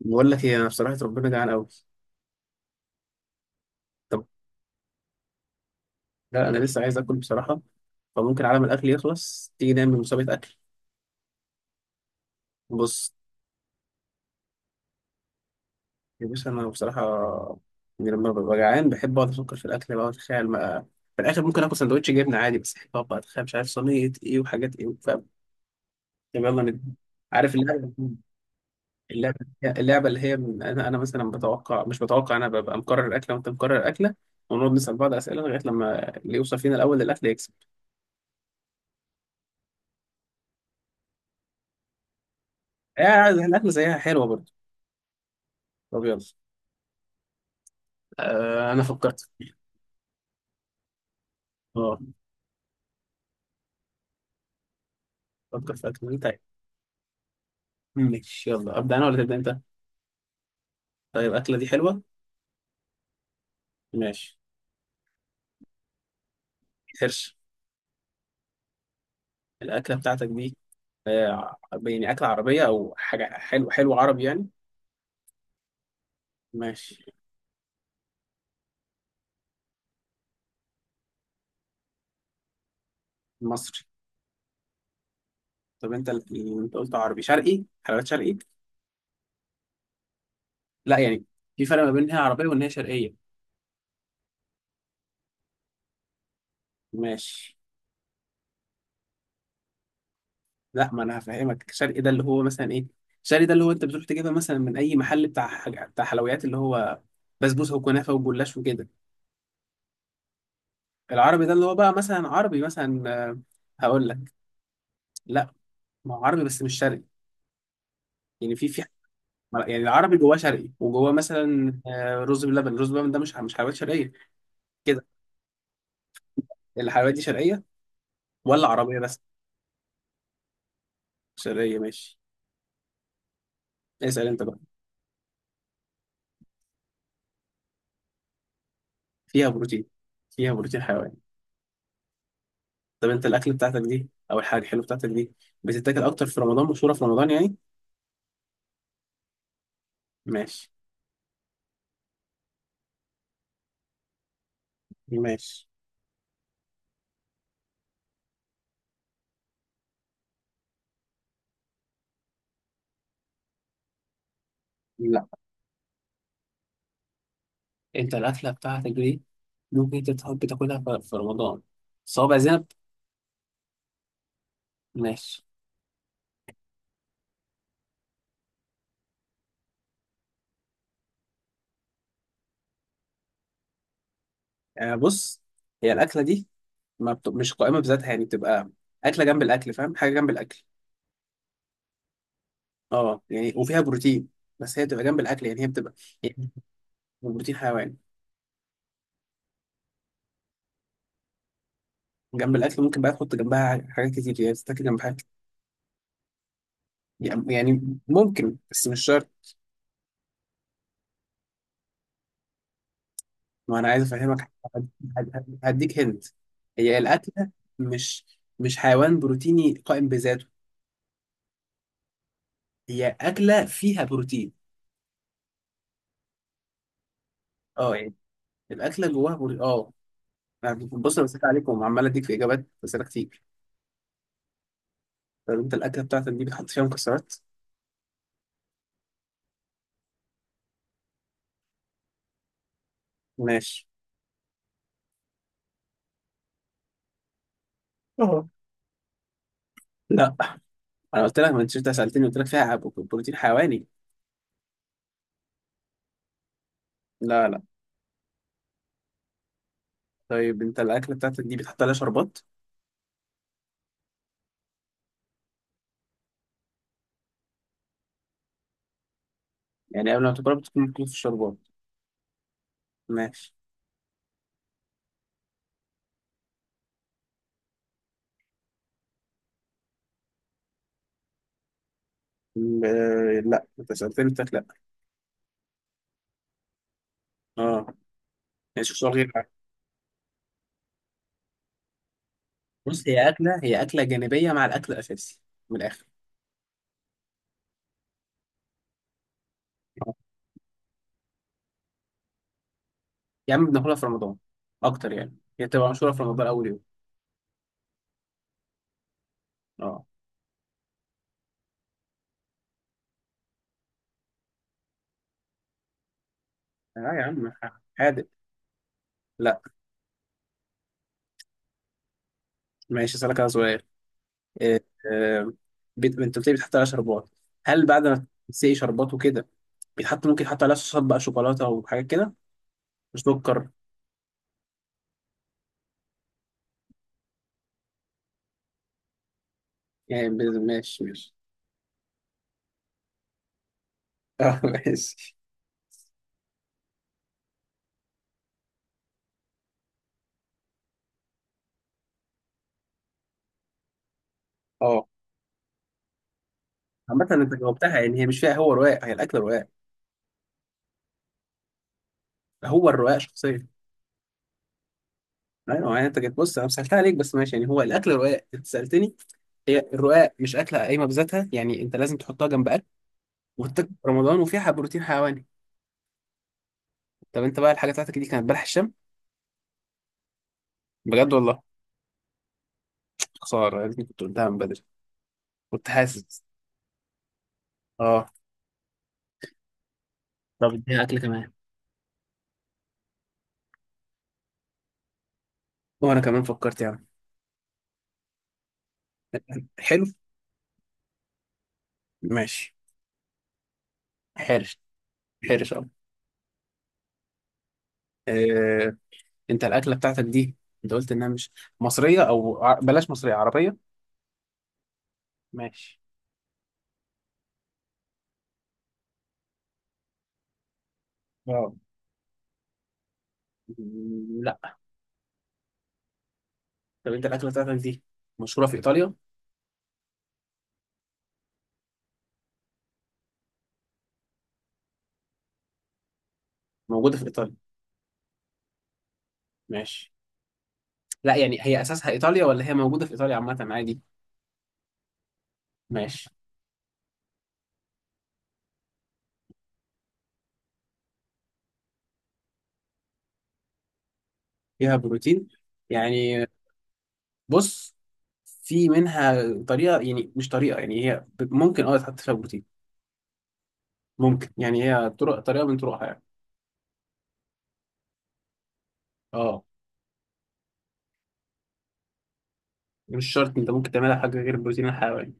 بقول لك ايه؟ انا بصراحه ربنا جعان قوي. طب لا انا لسه عايز اكل بصراحه، فممكن عالم الاكل يخلص تيجي نعمل مسابقه اكل. بص يا باشا، انا بصراحه لما ببقى جعان بحب اقعد افكر في الاكل، بقى اتخيل. ما في الاخر ممكن اكل سندوتش جبنه عادي، بس احب اقعد بقى اتخيل مش عارف صينيه ايه وحاجات ايه، فاهم؟ طب يلا ند. عارف اللعبه؟ اللعبه اللعبه اللي هي من انا مثلا بتوقع مش بتوقع، انا ببقى مقرر الاكله وانت مقرر الاكله، ونقعد نسال بعض اسئله لغايه لما اللي يوصل فينا الاول للاكل يكسب. يعني الاكل زيها حلوه برضه. طب يلا. آه انا فكرت. اه فكر في اكله طيب. ماشي يلا، ابدا انا ولا تبدا انت؟ طيب الاكله دي حلوه. ماشي. حرش. الاكله بتاعتك دي آه، اكله عربيه او حاجه حلو، حلو عربي يعني؟ ماشي. مصري. طب انت انت قلت عربي شرقي، حلويات شرقي؟ لا في فرق ما بين إن هي عربيه وان هي شرقيه. ماشي. لا ما انا هفهمك، شرقي ده اللي هو مثلا ايه؟ شرقي ده اللي هو انت بتروح تجيبها مثلا من اي محل بتاع بتاع حلويات اللي هو بسبوسه وكنافه وجلاش وكده. العربي ده اللي هو بقى مثلا عربي مثلا آه، هقول لك. لا ما هو عربي بس مش شرقي. يعني في في يعني العربي جواه شرقي وجواه مثلا آه، رز بلبن. رز بلبن ده مش حلويات شرقيه. كده الحلويات دي شرقيه ولا عربيه بس؟ شرقيه ماشي. اسال انت بقى. فيها بروتين. فيها بروتين حيواني. طب انت الاكل بتاعتك دي او الحاجه الحلوه بتاعتك دي بتتاكل اكتر في رمضان، مشهوره في رمضان يعني؟ ماشي. ماشي. لا. انت الاكله بتاعتك دي ممكن تتحب تاكلها في رمضان؟ صوابع زينب. ماشي. آه، بص هي الاكله دي ما بت... مش قائمه بذاتها، يعني بتبقى اكله جنب الاكل، فاهم؟ حاجه جنب الاكل. اه يعني، وفيها بروتين. بس هي بتبقى جنب الاكل، يعني هي بتبقى يعني بروتين حيواني. جنب الاكل ممكن بقى تحط جنبها حاجات كتير، يعني تتاكل جنب حاجات كتير. يعني يعني ممكن بس مش شرط. ما انا عايز افهمك هديك هنت. هي الاكله مش مش حيوان بروتيني قائم بذاته، هي اكله فيها بروتين. اه يعني، الاكله جواها بروتين، اه. أنا بص، انا بسأل عليكم وعمال اديك في اجابات اسئله كتير. طب انت الاكله بتاعتك دي بتحط فيها مكسرات؟ ماشي. اه لا انا قلت لك، ما انت شفت سالتني قلت لك فيها بروتين حيواني. لا لا. طيب انت الاكله بتاعتك دي بتحط عليها شربات؟ يعني قبل ما تاكلها بتكون مكتوب في الشربات؟ ماشي. لا انت سالتني قلت لك لا. اه ماشي سؤال غير عادي. بص هي اكله، هي اكله جانبيه مع الاكل الاساسي، من الاخر. آه. يا عم بناكلها في رمضان اكتر، يعني هي بتبقى مشهوره في رمضان اول يوم. اه. اه يا عم. حادق. لا. ماشي اسالك انا سؤال. آه، آه، انت قلت لي بتحط عليها شربات، هل بعد ما تسقي شربات وكده بيتحط، ممكن يحط عليها صوصات بقى، شوكولاته وحاجات كده، سكر؟ ماشي ماشي. اه ماشي. اه عامة انت جاوبتها، يعني هي مش فيها، هو رواق، هي الاكل رواق. هو الرواق شخصيا. ايوه يعني انت جيت، بص انا سالتها عليك بس ماشي، يعني هو الاكل رواق انت سالتني. هي الرواق، مش اكله قايمه بذاتها يعني، انت لازم تحطها جنب اكل، وتتاكل في رمضان، وفيها بروتين حيواني. طب انت بقى الحاجه بتاعتك دي كانت بلح الشام؟ بجد والله. خساره يا ريتني كنت قلتها من بدري، كنت حاسس. اه طب اديها اكل كمان. وانا كمان فكرت يعني. حلو. ماشي. حرش. حرش اه. آه، انت الاكله بتاعتك دي انت قلت انها مش مصريه او بلاش، مصريه، عربيه. ماشي. اه. مم، لا. طب انت الاكله بتاعتك دي مشهوره في ايطاليا؟ موجوده في ايطاليا. ماشي. لا يعني هي اساسها ايطاليا ولا هي موجوده في ايطاليا عامه عادي؟ ماشي. فيها بروتين يعني؟ بص في منها طريقه، يعني مش طريقه، يعني هي ممكن اه تحط فيها بروتين. ممكن، يعني هي طرق، طريقه من طرقها يعني. اه. مش شرط، انت ممكن تعملها حاجه غير البروتين الحيواني.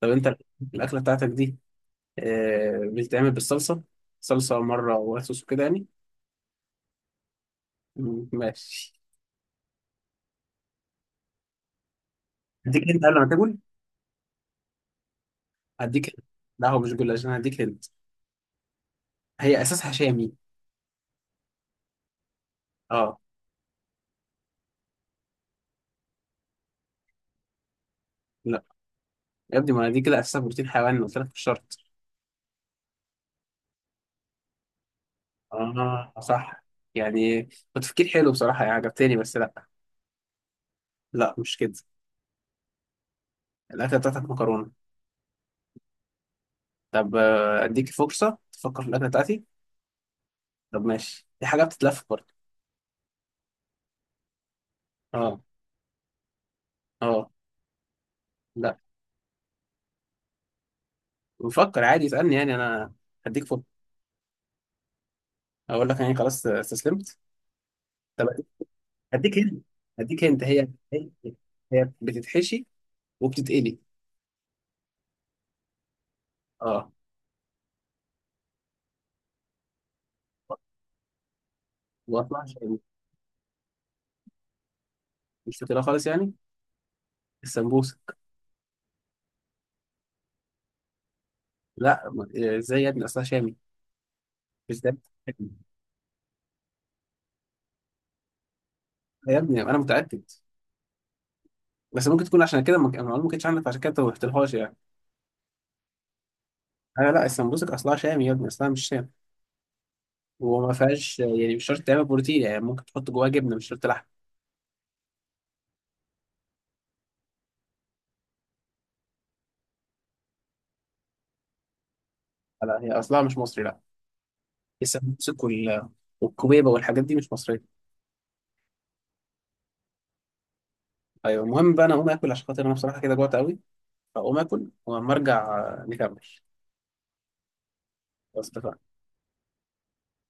طب انت الاكله بتاعتك دي آه بتتعمل بالصلصه، صلصه مره وصوص وكده يعني؟ مم، ماشي. هديك هنت قبل ما تاكل. هديك هنت. لا هو مش جلاش، انا هديك هنت. هي اساسها شامي. اه. لا يا ابني، ما دي كده اساسها بروتين حيواني قلت لك مش شرط. اه صح، يعني تفكير حلو بصراحه يعني، عجبتني، بس لا. لا مش كده. الاكله بتاعتك مكرونه. طب آه، اديك فرصه تفكر في الاكله بتاعتي. طب ماشي، دي حاجة بتتلف برضه. اه. اه لا. بفكر عادي، اسألني يعني انا. هديك فوق. اقول لك يعني خلاص، استسلمت. طب هديك هنا، هديك انت. هي هي، هي بتتحشي وبتتقلي. اه. واصلها شامي. مش فاكرها خالص يعني. السمبوسه. لا ازاي يا ابني اصلها شامي. مش ده. يا ابني انا متأكد، بس ممكن تكون عشان كده المعلومه ما كانتش عندك، عشان كده انت ما رحتلهاش يعني. لا السمبوسك اصلها شامي يا ابني، اصلها مش شامي، وما فيهاش يعني مش شرط تعمل بروتين، يعني ممكن تحط جواها جبنه مش شرط لحم. لا هي اصلها مش مصري لا. السمسك والكوبيبه والحاجات دي مش مصريه. ايوه المهم بقى انا اقوم اكل عشان خاطر انا بصراحه كده جوعت قوي، فاقوم اكل ولما ارجع آه، نكمل. بس اتفقنا.